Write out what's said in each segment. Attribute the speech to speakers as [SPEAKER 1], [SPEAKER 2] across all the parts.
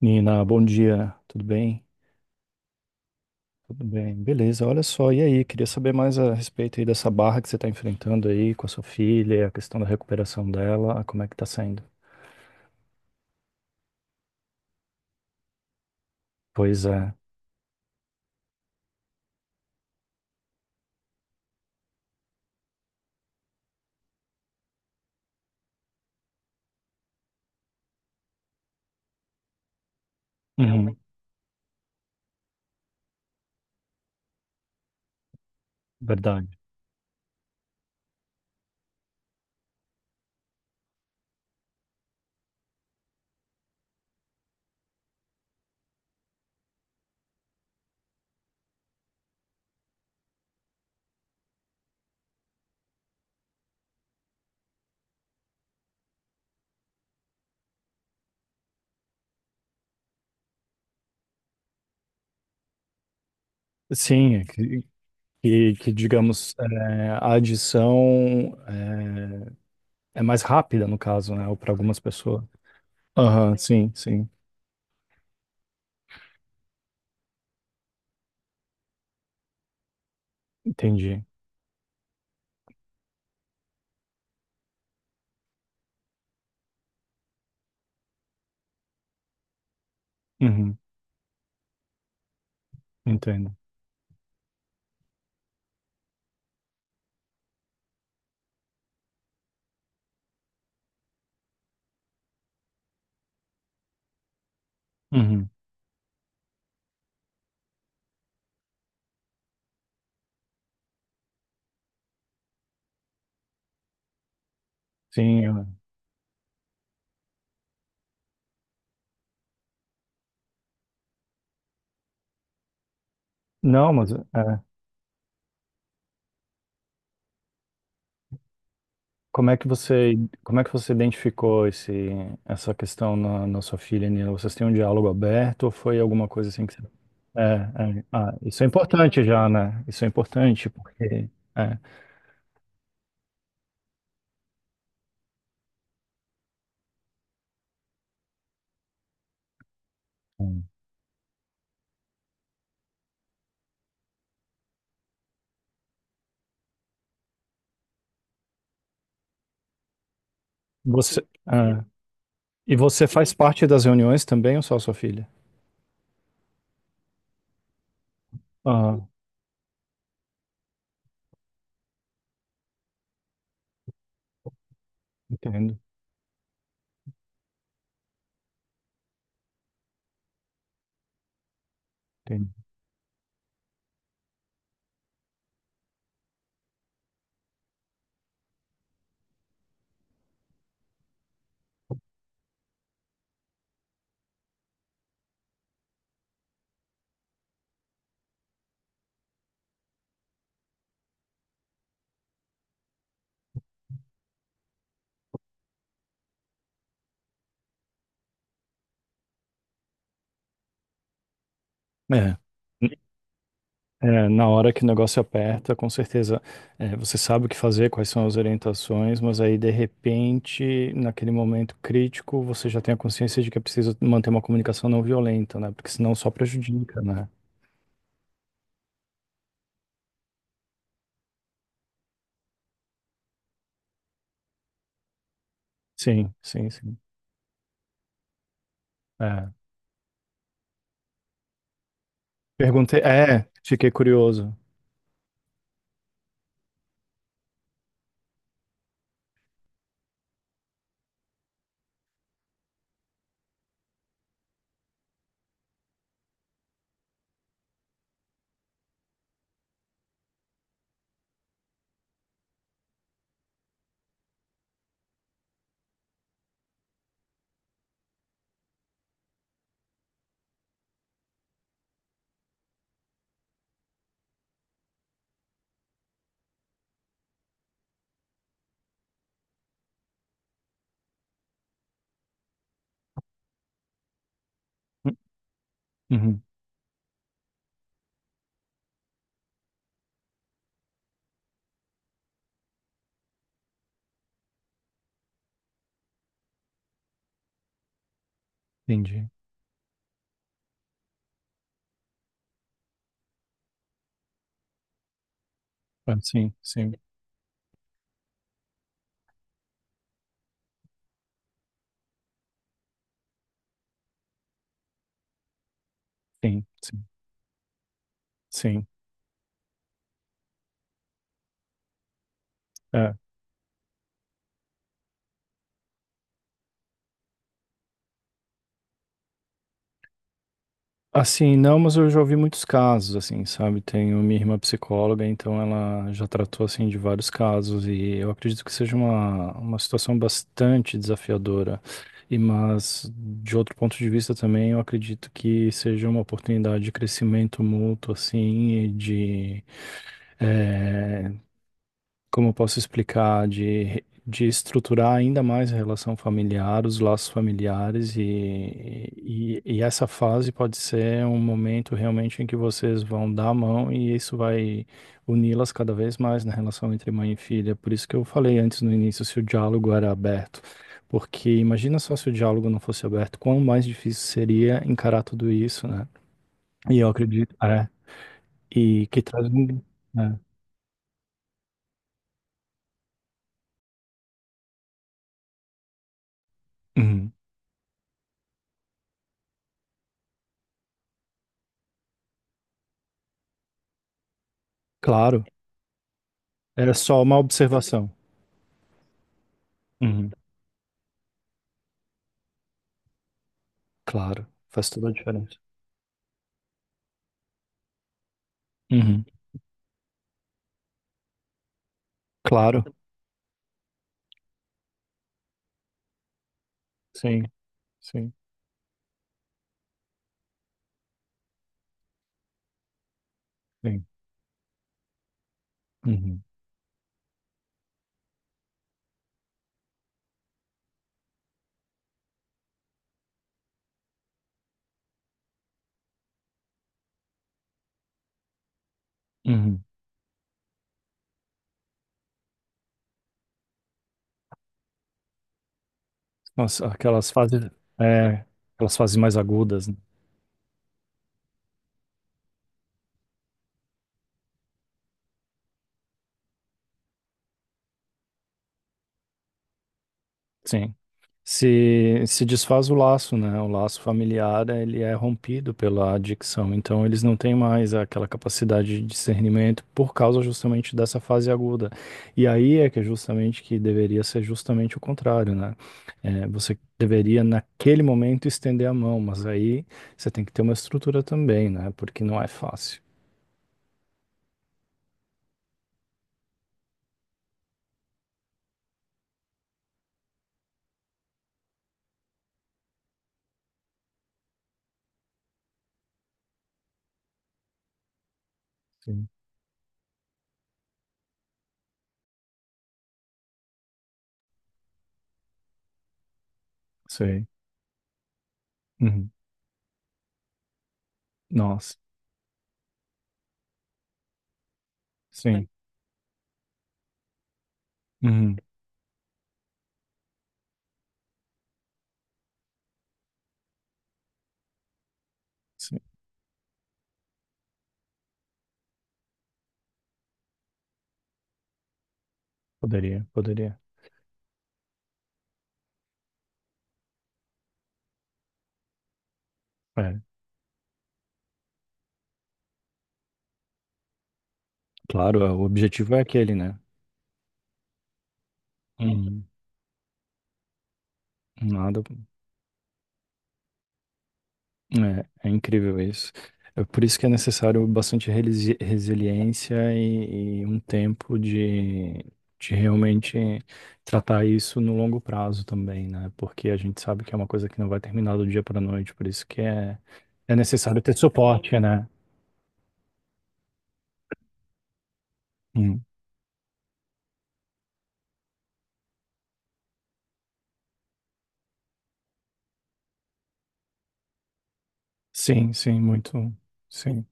[SPEAKER 1] Nina, bom dia, tudo bem? Tudo bem, beleza. Olha só, e aí, queria saber mais a respeito aí dessa barra que você está enfrentando aí com a sua filha, a questão da recuperação dela, como é que tá saindo? Pois é. Uhum, verdade. Sim, é que, digamos, é, a adição é, é mais rápida no caso, né, ou para algumas pessoas. Aham, sim, sim, entendi. Uhum, entendo. Uhum, sim, não, mas é. Como é que você, como é que você identificou esse, essa questão na, na sua filha, Nina? Vocês têm um diálogo aberto ou foi alguma coisa assim que você... É, é, ah, isso é importante já, né? Isso é importante porque é, você é, e você faz parte das reuniões também ou só a sua filha? Ah, entendo, entendo. É. É, na hora que o negócio aperta, com certeza, é, você sabe o que fazer, quais são as orientações, mas aí, de repente, naquele momento crítico, você já tem a consciência de que é preciso manter uma comunicação não violenta, né? Porque senão só prejudica, né? Sim, sim, sim. É. Perguntei, é, fiquei curioso. Hum. Uhum, entendi. Ah, sim, sim, sim, sim, sim. É. Assim, não, mas eu já ouvi muitos casos, assim, sabe? Tenho minha irmã psicóloga, então ela já tratou, assim, de vários casos e eu acredito que seja uma situação bastante desafiadora. E, mas, de outro ponto de vista também, eu acredito que seja uma oportunidade de crescimento mútuo, assim, e de, eh, como eu posso explicar, de estruturar ainda mais a relação familiar, os laços familiares, e essa fase pode ser um momento realmente em que vocês vão dar a mão e isso vai uni-las cada vez mais na relação entre mãe e filha. Por isso que eu falei antes no início se o diálogo era aberto. Porque imagina só se o diálogo não fosse aberto, quão mais difícil seria encarar tudo isso, né? E eu acredito, é, e que traz um. É. Uhum. Claro, era só uma observação. Uhum. Claro, faz toda a diferença. Uhum. Claro, sim, sim, sim. Uhum. Uhum. Nossa, aquelas fases, é, aquelas fases mais agudas, né? Sim. Se desfaz o laço, né? O laço familiar, ele é rompido pela adicção, então eles não têm mais aquela capacidade de discernimento por causa justamente dessa fase aguda. E aí é que é justamente que deveria ser justamente o contrário, né? É, você deveria naquele momento estender a mão, mas aí você tem que ter uma estrutura também, né? Porque não é fácil. Sim, sei. Uhum. Nossa, sim. Uhum. Sim. Poderia, poderia. É. Claro, é, o objetivo é aquele, né? Uhum. Nada. É, é incrível isso. É por isso que é necessário bastante resiliência e um tempo de realmente tratar isso no longo prazo também, né? Porque a gente sabe que é uma coisa que não vai terminar do dia para a noite, por isso que é, é necessário ter suporte, né? Hum. Sim, sim, muito. Sim.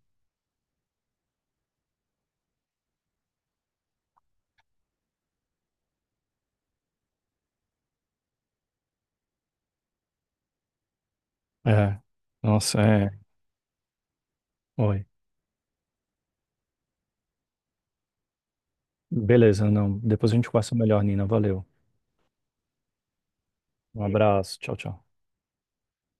[SPEAKER 1] É. Nossa, é. Oi. Beleza, não. Depois a gente conversa melhor, Nina. Valeu. Um abraço. Tchau, tchau.